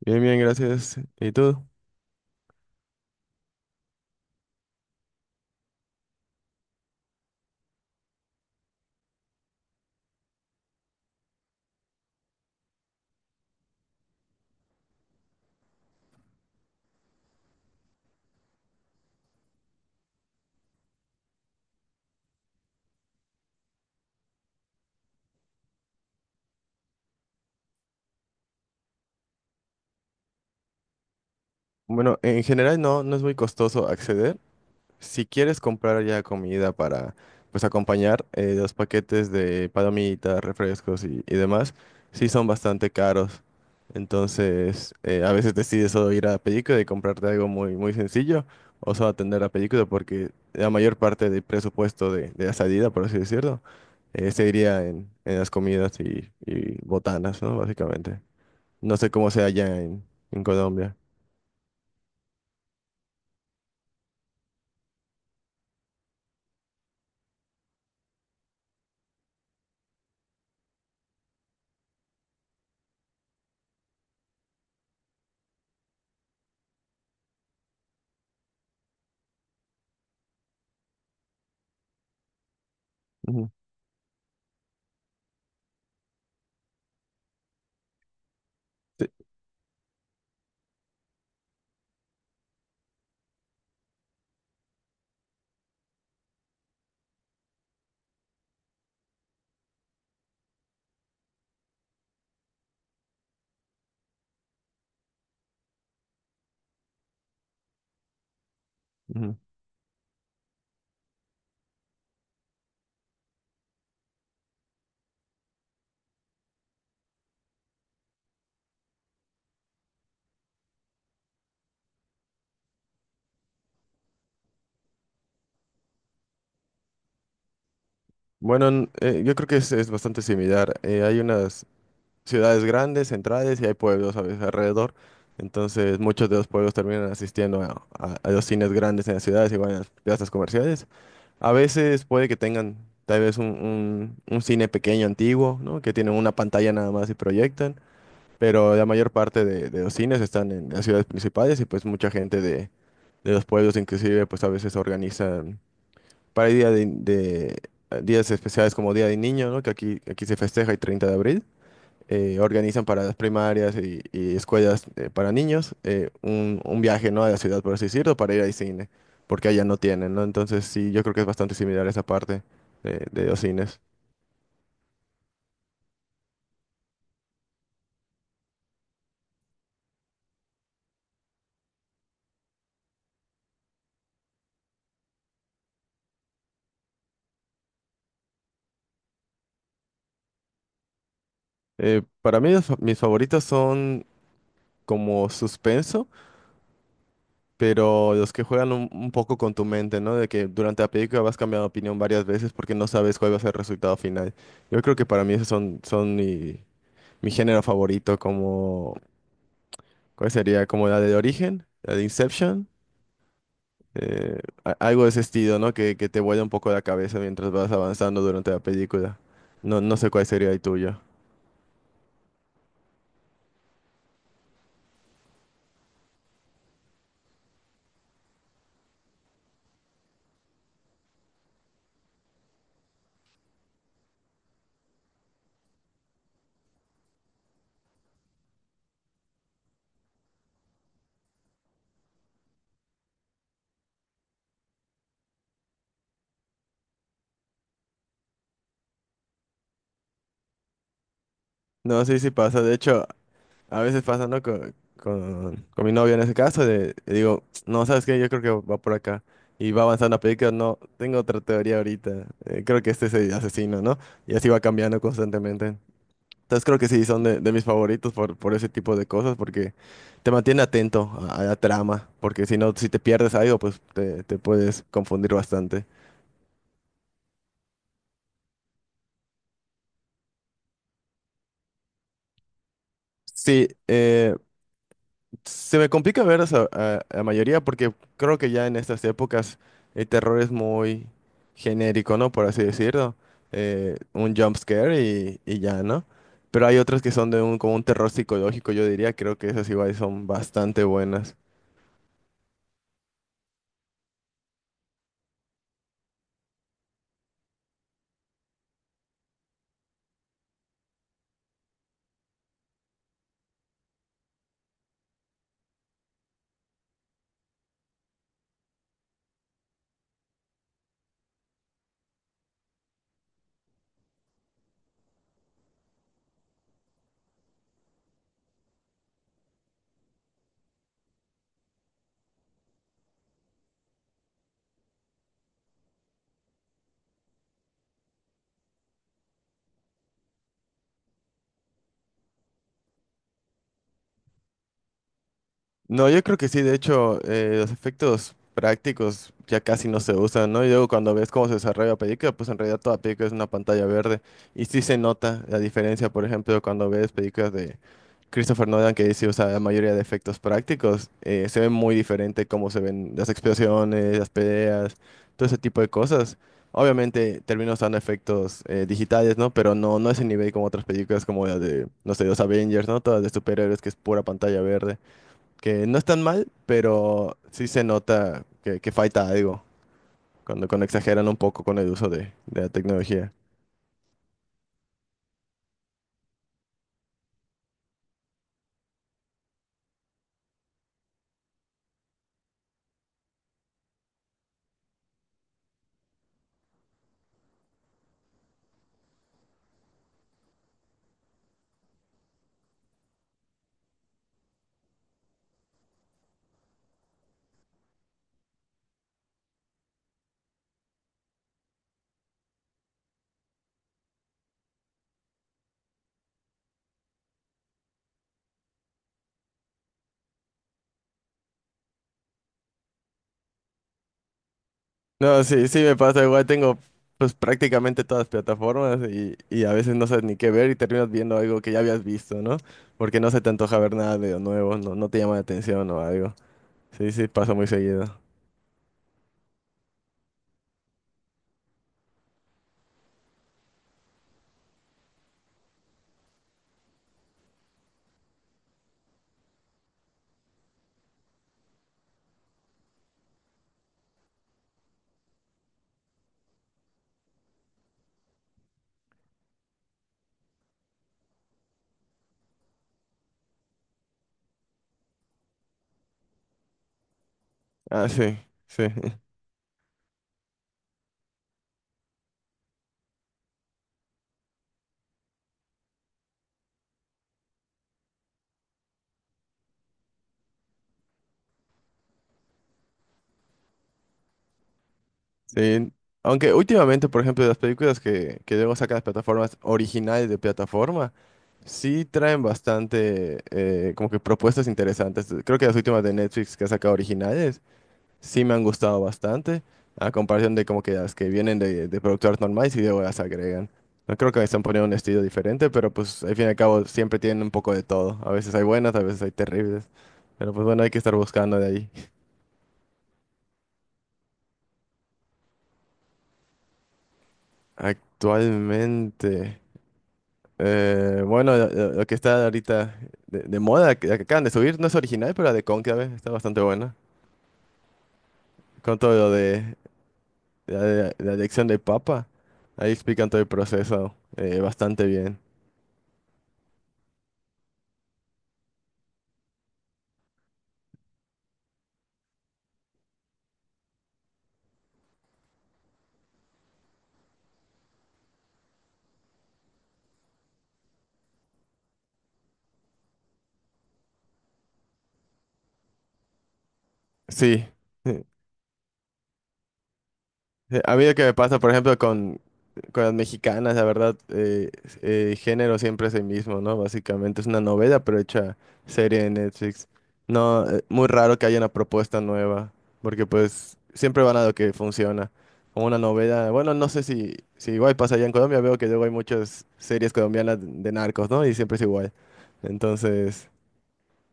Bien, bien, gracias. ¿Y tú? Bueno, en general no, no es muy costoso acceder. Si quieres comprar ya comida para, pues, acompañar los paquetes de palomitas, refrescos y demás, sí son bastante caros. Entonces, a veces decides solo ir a la película y comprarte algo muy, muy sencillo o solo atender la película porque la mayor parte del presupuesto de la salida, por así decirlo, se iría en las comidas y botanas, ¿no? Básicamente. No sé cómo sea allá en Colombia. Ujú, sí, ujú. Bueno, yo creo que es bastante similar. Hay unas ciudades grandes, centrales, y hay pueblos a veces alrededor. Entonces, muchos de los pueblos terminan asistiendo a los cines grandes en las ciudades y van a las plazas comerciales. A veces puede que tengan tal vez un cine pequeño, antiguo, ¿no? Que tienen una pantalla nada más y proyectan. Pero la mayor parte de los cines están en las ciudades principales y pues mucha gente de los pueblos inclusive pues a veces organizan para el día días especiales como Día del Niño, ¿no? Que aquí se festeja el 30 de abril. Organizan para las primarias y escuelas para niños un viaje, ¿no? A la ciudad, por así decirlo, para ir al cine, porque allá no tienen, ¿no? Entonces sí, yo creo que es bastante similar esa parte de los cines. Para mí mis favoritos son como suspenso. Pero los que juegan un poco con tu mente, ¿no? De que durante la película vas cambiando de opinión varias veces porque no sabes cuál va a ser el resultado final. Yo creo que para mí esos son mi, género favorito, como, ¿cuál sería? Como la de Origen, la de Inception, eh, algo de ese estilo, ¿no? Que te vuela un poco la cabeza mientras vas avanzando durante la película. No, no sé cuál sería el tuyo. No, sí, sí pasa. De hecho, a veces pasa, ¿no? Con mi novia en ese caso, de, le digo, no, ¿sabes qué? Yo creo que va por acá. Y va avanzando la película, no, tengo otra teoría ahorita. Creo que este es el asesino, ¿no? Y así va cambiando constantemente. Entonces creo que sí, son de mis favoritos por ese tipo de cosas, porque te mantiene atento a la trama, porque si no, si te pierdes algo, pues te puedes confundir bastante. Sí, se me complica ver a la mayoría porque creo que ya en estas épocas el terror es muy genérico, ¿no? Por así decirlo. Un jump scare y ya, ¿no? Pero hay otras que son de un, como un terror psicológico, yo diría. Creo que esas igual son bastante buenas. No, yo creo que sí, de hecho, los efectos prácticos ya casi no se usan, ¿no? Y luego cuando ves cómo se desarrolla la película, pues en realidad toda película es una pantalla verde. Y sí se nota la diferencia, por ejemplo, cuando ves películas de Christopher Nolan, que sí usa la mayoría de efectos prácticos, se ve muy diferente cómo se ven las explosiones, las peleas, todo ese tipo de cosas. Obviamente termina usando efectos digitales, ¿no? Pero no, no es el nivel como otras películas como la de, no sé, los Avengers, ¿no? Todas de superhéroes que es pura pantalla verde, que no están mal, pero sí se nota que, falta algo cuando exageran un poco con el uso de la tecnología. No, sí, sí me pasa, igual tengo pues prácticamente todas las plataformas y a veces no sabes ni qué ver y terminas viendo algo que ya habías visto, ¿no? Porque no se te antoja ver nada de lo nuevo, no, no te llama la atención o algo. Sí, sí, pasa muy seguido. Ah, sí, sí. Sí, aunque últimamente, por ejemplo, las películas que luego sacan las plataformas originales de plataforma, sí traen bastante, como que propuestas interesantes. Creo que las últimas de Netflix que ha sacado originales, sí me han gustado bastante, a comparación de como que las que vienen de productoras normales y luego las agregan. No creo que están poniendo un estilo diferente, pero pues al fin y al cabo siempre tienen un poco de todo. A veces hay buenas, a veces hay terribles. Pero pues bueno, hay que estar buscando de ahí. Actualmente. Bueno, lo, lo que está ahorita de moda, que, la que acaban de subir, no es original, pero la de Cónclave está bastante buena. Con todo lo de la elección del Papa, ahí explican todo el proceso bastante bien. Sí. A mí lo que me pasa, por ejemplo, con las mexicanas, la verdad, género siempre es el mismo, ¿no? Básicamente es una novela, pero hecha serie de Netflix. No, muy raro que haya una propuesta nueva, porque pues siempre van a lo que funciona. O una novela, bueno, no sé si, igual pasa allá en Colombia, veo que luego hay muchas series colombianas de narcos, ¿no? Y siempre es igual. Entonces,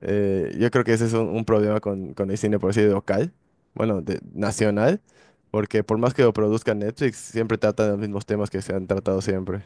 yo creo que ese es un, problema con el cine, por así decir, local, bueno, de, nacional, porque por más que lo produzca Netflix, siempre tratan los mismos temas que se han tratado siempre.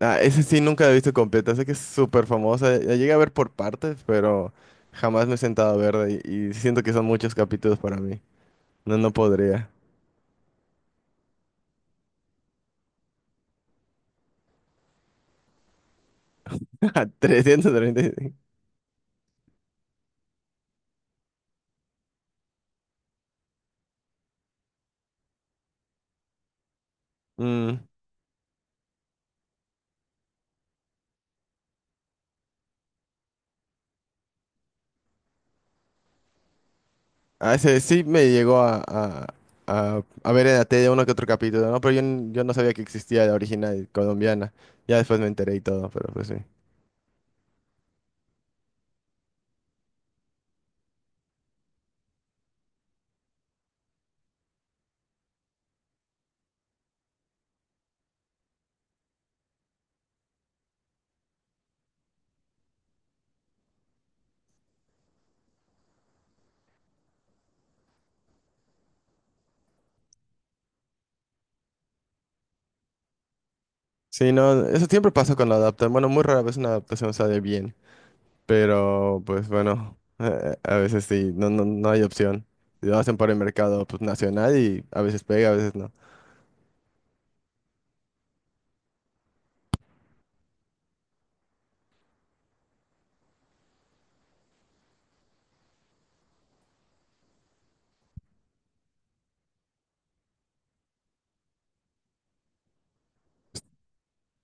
Ah, ese sí nunca lo he visto completa, sé que es súper famosa, la llegué a ver por partes, pero jamás me he sentado a verla y siento que son muchos capítulos para mí. No, no podría. 335. Ah, ese sí me llegó a ver en la tele uno que otro capítulo, ¿no? Pero yo no sabía que existía la original colombiana. Ya después me enteré y todo, pero pues sí. Sí, no, eso siempre pasa cuando adaptan. Bueno, muy rara vez una adaptación sale bien, pero pues bueno, a veces sí, no, no, no hay opción. Si lo hacen para el mercado pues, nacional y a veces pega, a veces no.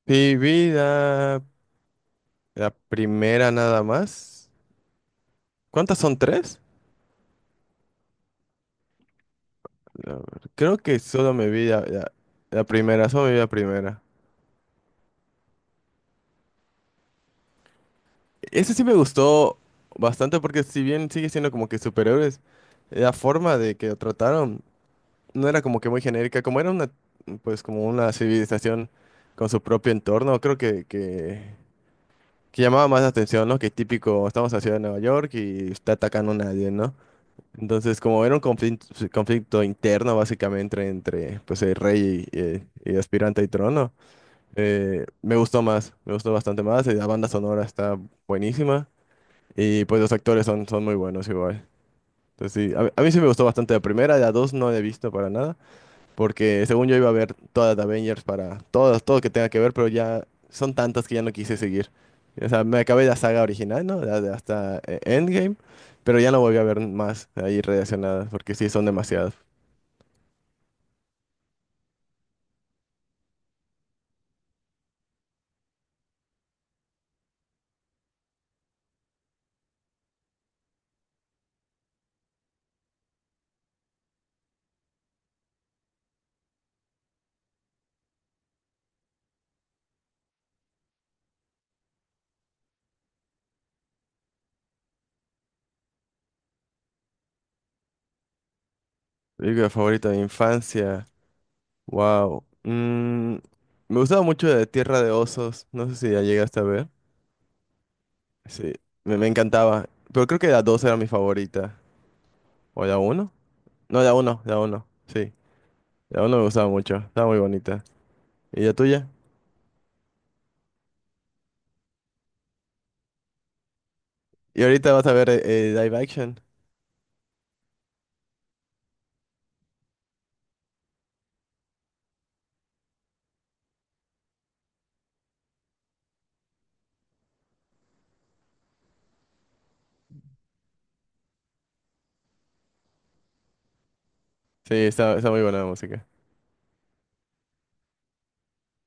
Sí, vi la primera nada más. ¿Cuántas son? ¿Tres? A ver, creo que solo me vi la, la primera, solo me vi la primera. Ese sí me gustó bastante porque si bien sigue siendo como que superhéroes, la forma de que lo trataron no era como que muy genérica, como era una, pues como una civilización con su propio entorno, creo que, que llamaba más la atención, ¿no? Que típico, estamos en la ciudad de Nueva York y está atacando a nadie, ¿no? Entonces, como era un conflicto, conflicto interno básicamente entre, pues, el rey y el aspirante al trono. Me gustó más, me gustó bastante más. Y la banda sonora está buenísima y pues los actores son muy buenos igual. Entonces sí, a, mí sí me gustó bastante la primera, la dos no la he visto para nada, porque según yo iba a ver todas las Avengers para todas, todo que tenga que ver, pero ya son tantas que ya no quise seguir. O sea, me acabé la saga original, ¿no? La de hasta Endgame, pero ya no volví a ver más ahí relacionadas, porque sí son demasiadas. Película favorita de infancia. Wow. Mm, me gustaba mucho de Tierra de Osos. No sé si ya llegaste a ver. Sí, me, encantaba. Pero creo que la 2 era mi favorita. ¿O la uno? No, la uno, la uno. Sí, la uno me gustaba mucho. Estaba muy bonita. ¿Y la tuya? Y ahorita vas a ver live action. Sí, está muy buena la música.